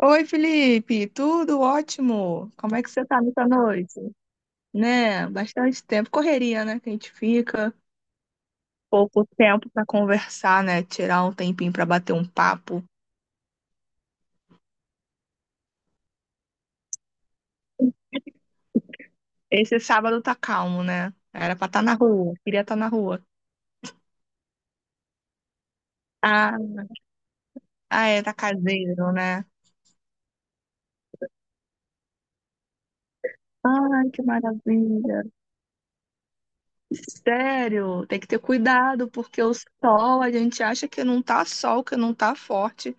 Oi, Felipe, tudo ótimo? Como é que você tá nessa noite? Né? Bastante tempo. Correria, né? Que a gente fica. Pouco tempo pra conversar, né? Tirar um tempinho pra bater um papo. Esse sábado tá calmo, né? Era pra estar na rua. Queria estar na rua. Ah, ah, é, tá caseiro, né? Ai, que maravilha. Sério, tem que ter cuidado, porque o sol, a gente acha que não tá sol, que não tá forte,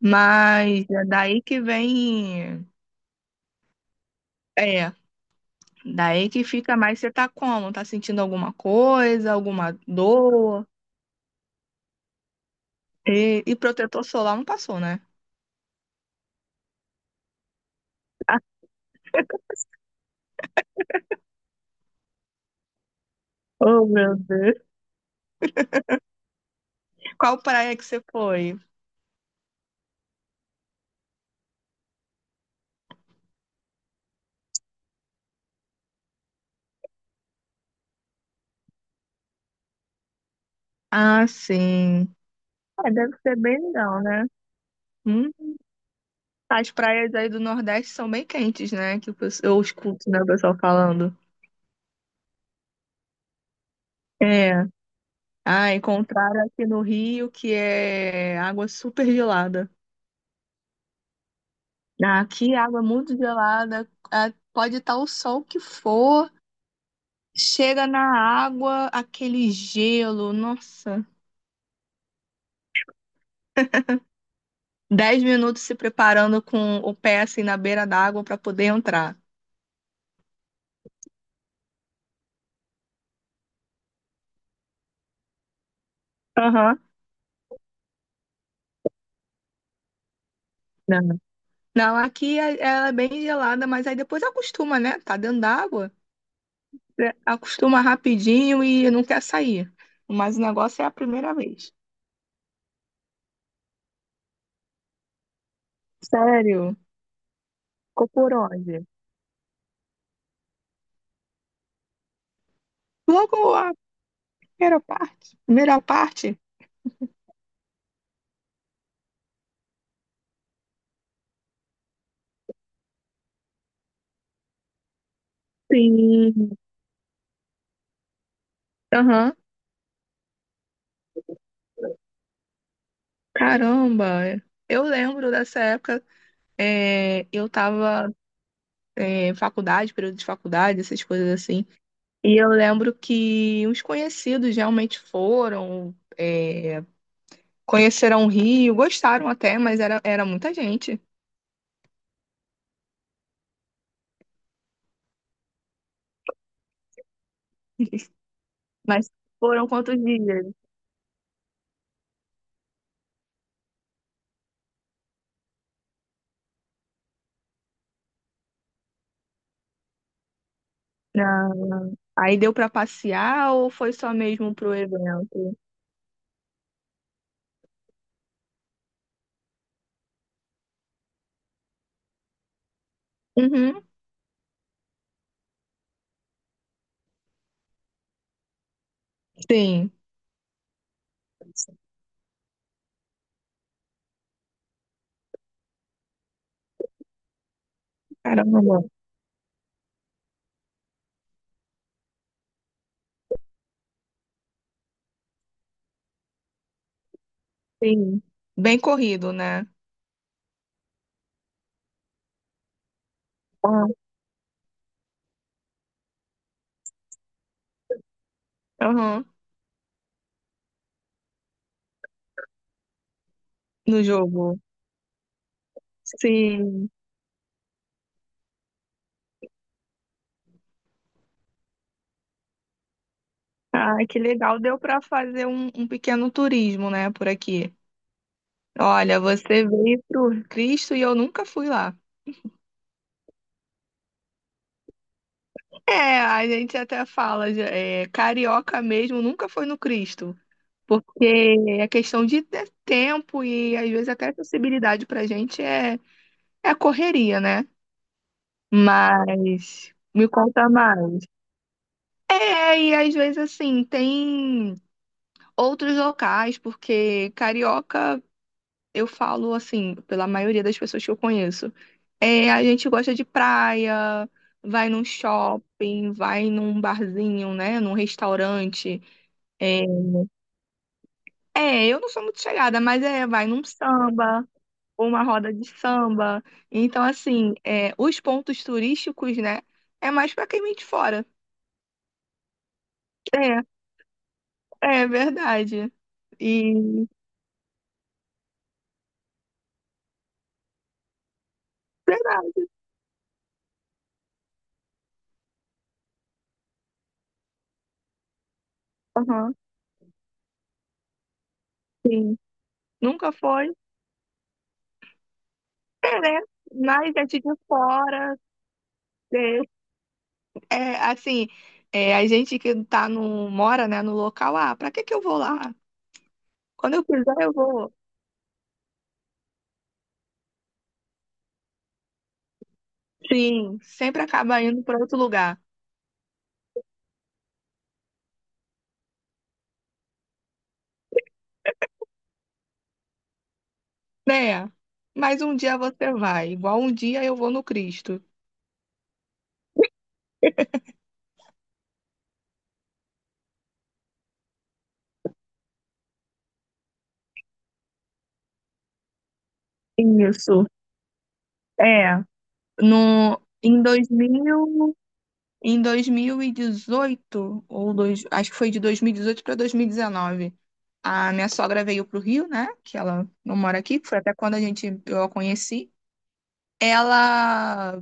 mas é daí que vem. É. Daí que fica mais você tá como? Tá sentindo alguma coisa, alguma dor? E protetor solar não passou, né? Oh, meu Deus. Qual praia que você foi? Ah, sim. É, deve ser bem legal, né? Hum? As praias aí do Nordeste são bem quentes, né? Eu escuto, né, o pessoal falando. É. Ah, encontraram aqui no Rio que é água super gelada. Ah, aqui, água muito gelada. Ah, pode estar o sol que for. Chega na água, aquele gelo, nossa. 10 minutos se preparando com o pé assim na beira da água para poder entrar. Aham. Não. Não, aqui ela é bem gelada, mas aí depois acostuma, né? Tá dentro d'água, é, acostuma rapidinho e não quer sair. Mas o negócio é a primeira vez. Sério? Ficou por onde? Logo a primeira parte. Primeira parte? Sim. Aham. Caramba. Eu lembro dessa época. É, eu tava é, faculdade, período de faculdade, essas coisas assim. E eu lembro que uns conhecidos realmente foram, é, conheceram o Rio, gostaram até, mas era muita gente. Mas foram quantos dias? Ah, aí deu pra passear ou foi só mesmo pro evento? Uhum, sim. Caramba. Sim. Bem corrido, né? Ah, aham. No jogo. Sim. Ah, que legal. Deu para fazer um pequeno turismo, né, por aqui. Olha, você veio pro Cristo e eu nunca fui lá. É, a gente até fala, é, carioca mesmo nunca foi no Cristo, porque é questão de ter tempo e às vezes até acessibilidade pra gente é, é correria, né? Mas me conta mais. É, e às vezes assim, tem outros locais, porque carioca eu falo assim, pela maioria das pessoas que eu conheço, é, a gente gosta de praia, vai num shopping, vai num barzinho, né, num restaurante. É, é, eu não sou muito chegada, mas é, vai num samba, ou uma roda de samba. Então, assim, é, os pontos turísticos, né, é mais pra quem vem de fora. É, é verdade. E verdade, aham, sim. Nunca foi, é, né? Mas gente de fora, é. É, assim, é, a gente que tá mora, né, no local, ah, pra que que eu vou lá? Quando eu quiser, eu vou. Sim, sempre acaba indo pra outro lugar, né? Mas um dia você vai, igual um dia eu vou no Cristo. Isso, é. No, em dois mil, em 2018 ou dois, acho que foi de 2018 para 2019, a minha sogra veio pro Rio, né? Que ela não mora aqui, que foi até quando a gente, eu a conheci. Ela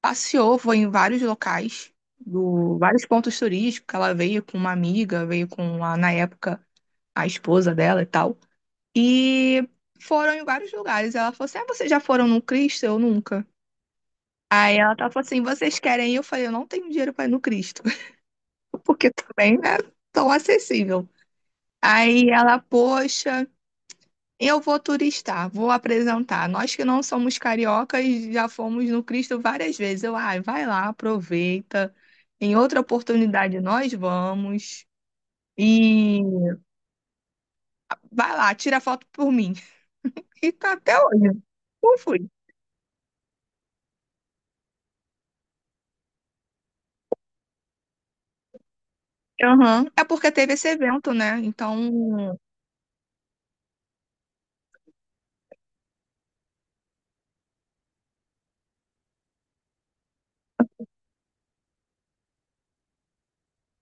passeou, foi em vários locais, vários pontos turísticos. Ela veio com uma amiga, veio com a, na época, a esposa dela e tal. E foram em vários lugares. Ela falou assim: ah, vocês já foram no Cristo? Eu nunca. Aí ela tava assim: vocês querem ir? Eu falei: eu não tenho dinheiro pra ir no Cristo, porque também não é tão acessível. Aí ela, poxa. Eu vou turistar, vou apresentar. Nós que não somos cariocas já fomos no Cristo várias vezes. Eu, ai, vai lá, aproveita. Em outra oportunidade nós vamos. E vai lá, tira foto por mim. E tá até hoje. Não fui. Aham. É porque teve esse evento, né? Então,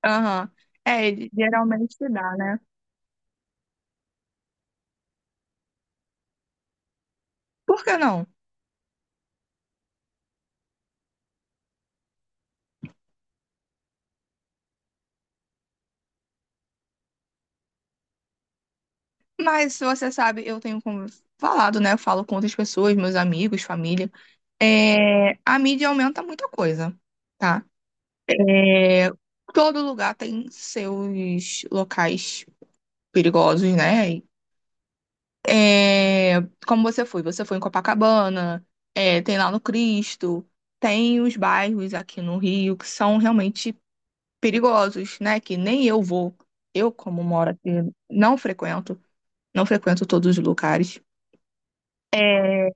aham. É, ele geralmente se dá, né? Por que não? Mas você sabe, eu tenho falado, né? Eu falo com outras pessoas, meus amigos, família. É, a mídia aumenta muita coisa, tá? É, todo lugar tem seus locais perigosos, né? É, como você foi? Você foi em Copacabana, é, tem lá no Cristo, tem os bairros aqui no Rio que são realmente perigosos, né? Que nem eu vou. Eu, como moro aqui, não frequento, não frequento todos os lugares. É,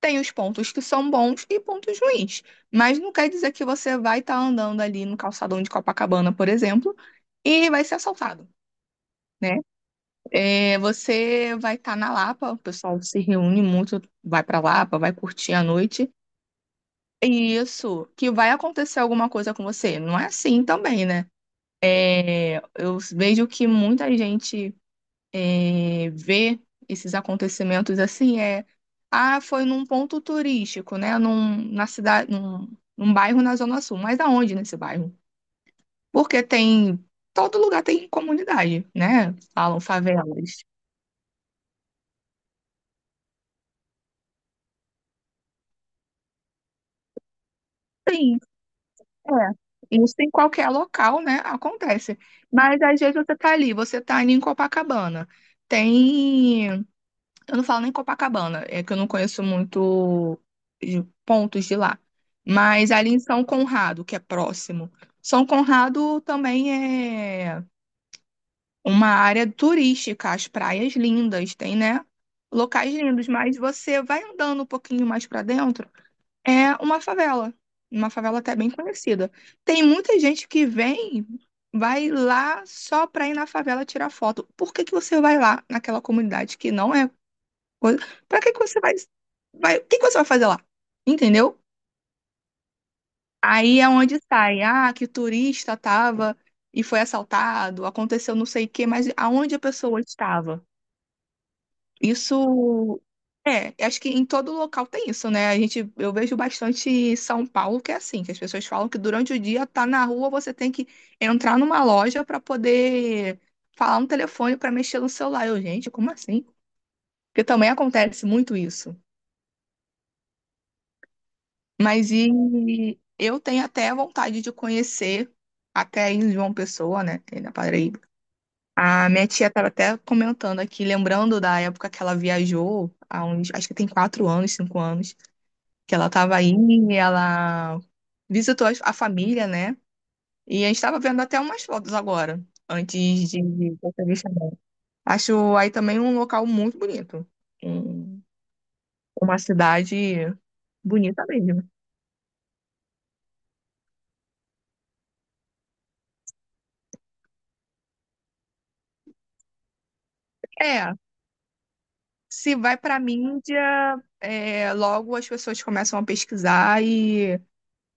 tem os pontos que são bons e pontos ruins, mas não quer dizer que você vai estar andando ali no calçadão de Copacabana, por exemplo, e vai ser assaltado, né? É, você vai estar na Lapa, o pessoal se reúne muito, vai pra Lapa, vai curtir a noite. E isso, que vai acontecer alguma coisa com você. Não é assim também, né? É, eu vejo que muita gente é, ver esses acontecimentos assim é ah foi num ponto turístico né na cidade num bairro na Zona Sul, mas aonde nesse bairro, porque tem todo lugar tem comunidade né falam favelas sim é isso em qualquer local né acontece mas às vezes você tá ali em Copacabana tem. Eu não falo nem Copacabana, é que eu não conheço muito de pontos de lá. Mas ali em São Conrado, que é próximo. São Conrado também é uma área turística, as praias lindas, tem, né? Locais lindos, mas você vai andando um pouquinho mais para dentro, é uma favela até bem conhecida. Tem muita gente que vem, vai lá só para ir na favela tirar foto. Por que que você vai lá naquela comunidade que não é coisa. Pra que que você vai, vai, o que que você vai fazer lá? Entendeu? Aí é onde sai, ah, que o turista tava e foi assaltado, aconteceu não sei o quê, mas aonde a pessoa estava? Isso é, acho que em todo local tem isso, né? A gente, eu vejo bastante em São Paulo que é assim, que as pessoas falam que durante o dia tá na rua, você tem que entrar numa loja para poder falar no telefone para mexer no celular. Eu, gente, como assim? Porque também acontece muito isso. Mas e eu tenho até vontade de conhecer até aí em João Pessoa, né? Tem na Paraíba. A minha tia estava até comentando aqui, lembrando da época que ela viajou, há uns, acho que tem 4 anos, 5 anos, que ela estava aí e ela visitou a família, né? E a gente estava vendo até umas fotos agora, antes de dessa vez também. Acho aí também um local muito bonito. Um- uma cidade bonita mesmo. É, se vai pra mídia, é, logo as pessoas começam a pesquisar e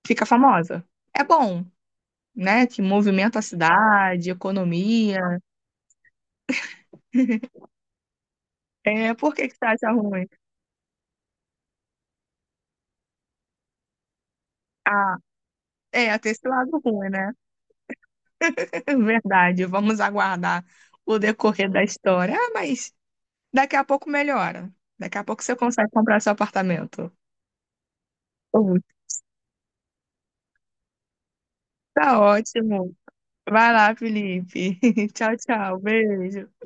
fica famosa. É bom, né? Que movimenta a cidade, economia. É, por que que você acha ruim? Ah, é, tem esse lado ruim, né? Verdade. Vamos aguardar o decorrer da história. Ah, mas daqui a pouco melhora. Daqui a pouco você consegue comprar seu apartamento. Oh, tá ótimo. Vai lá, Felipe. Tchau, tchau. Beijo.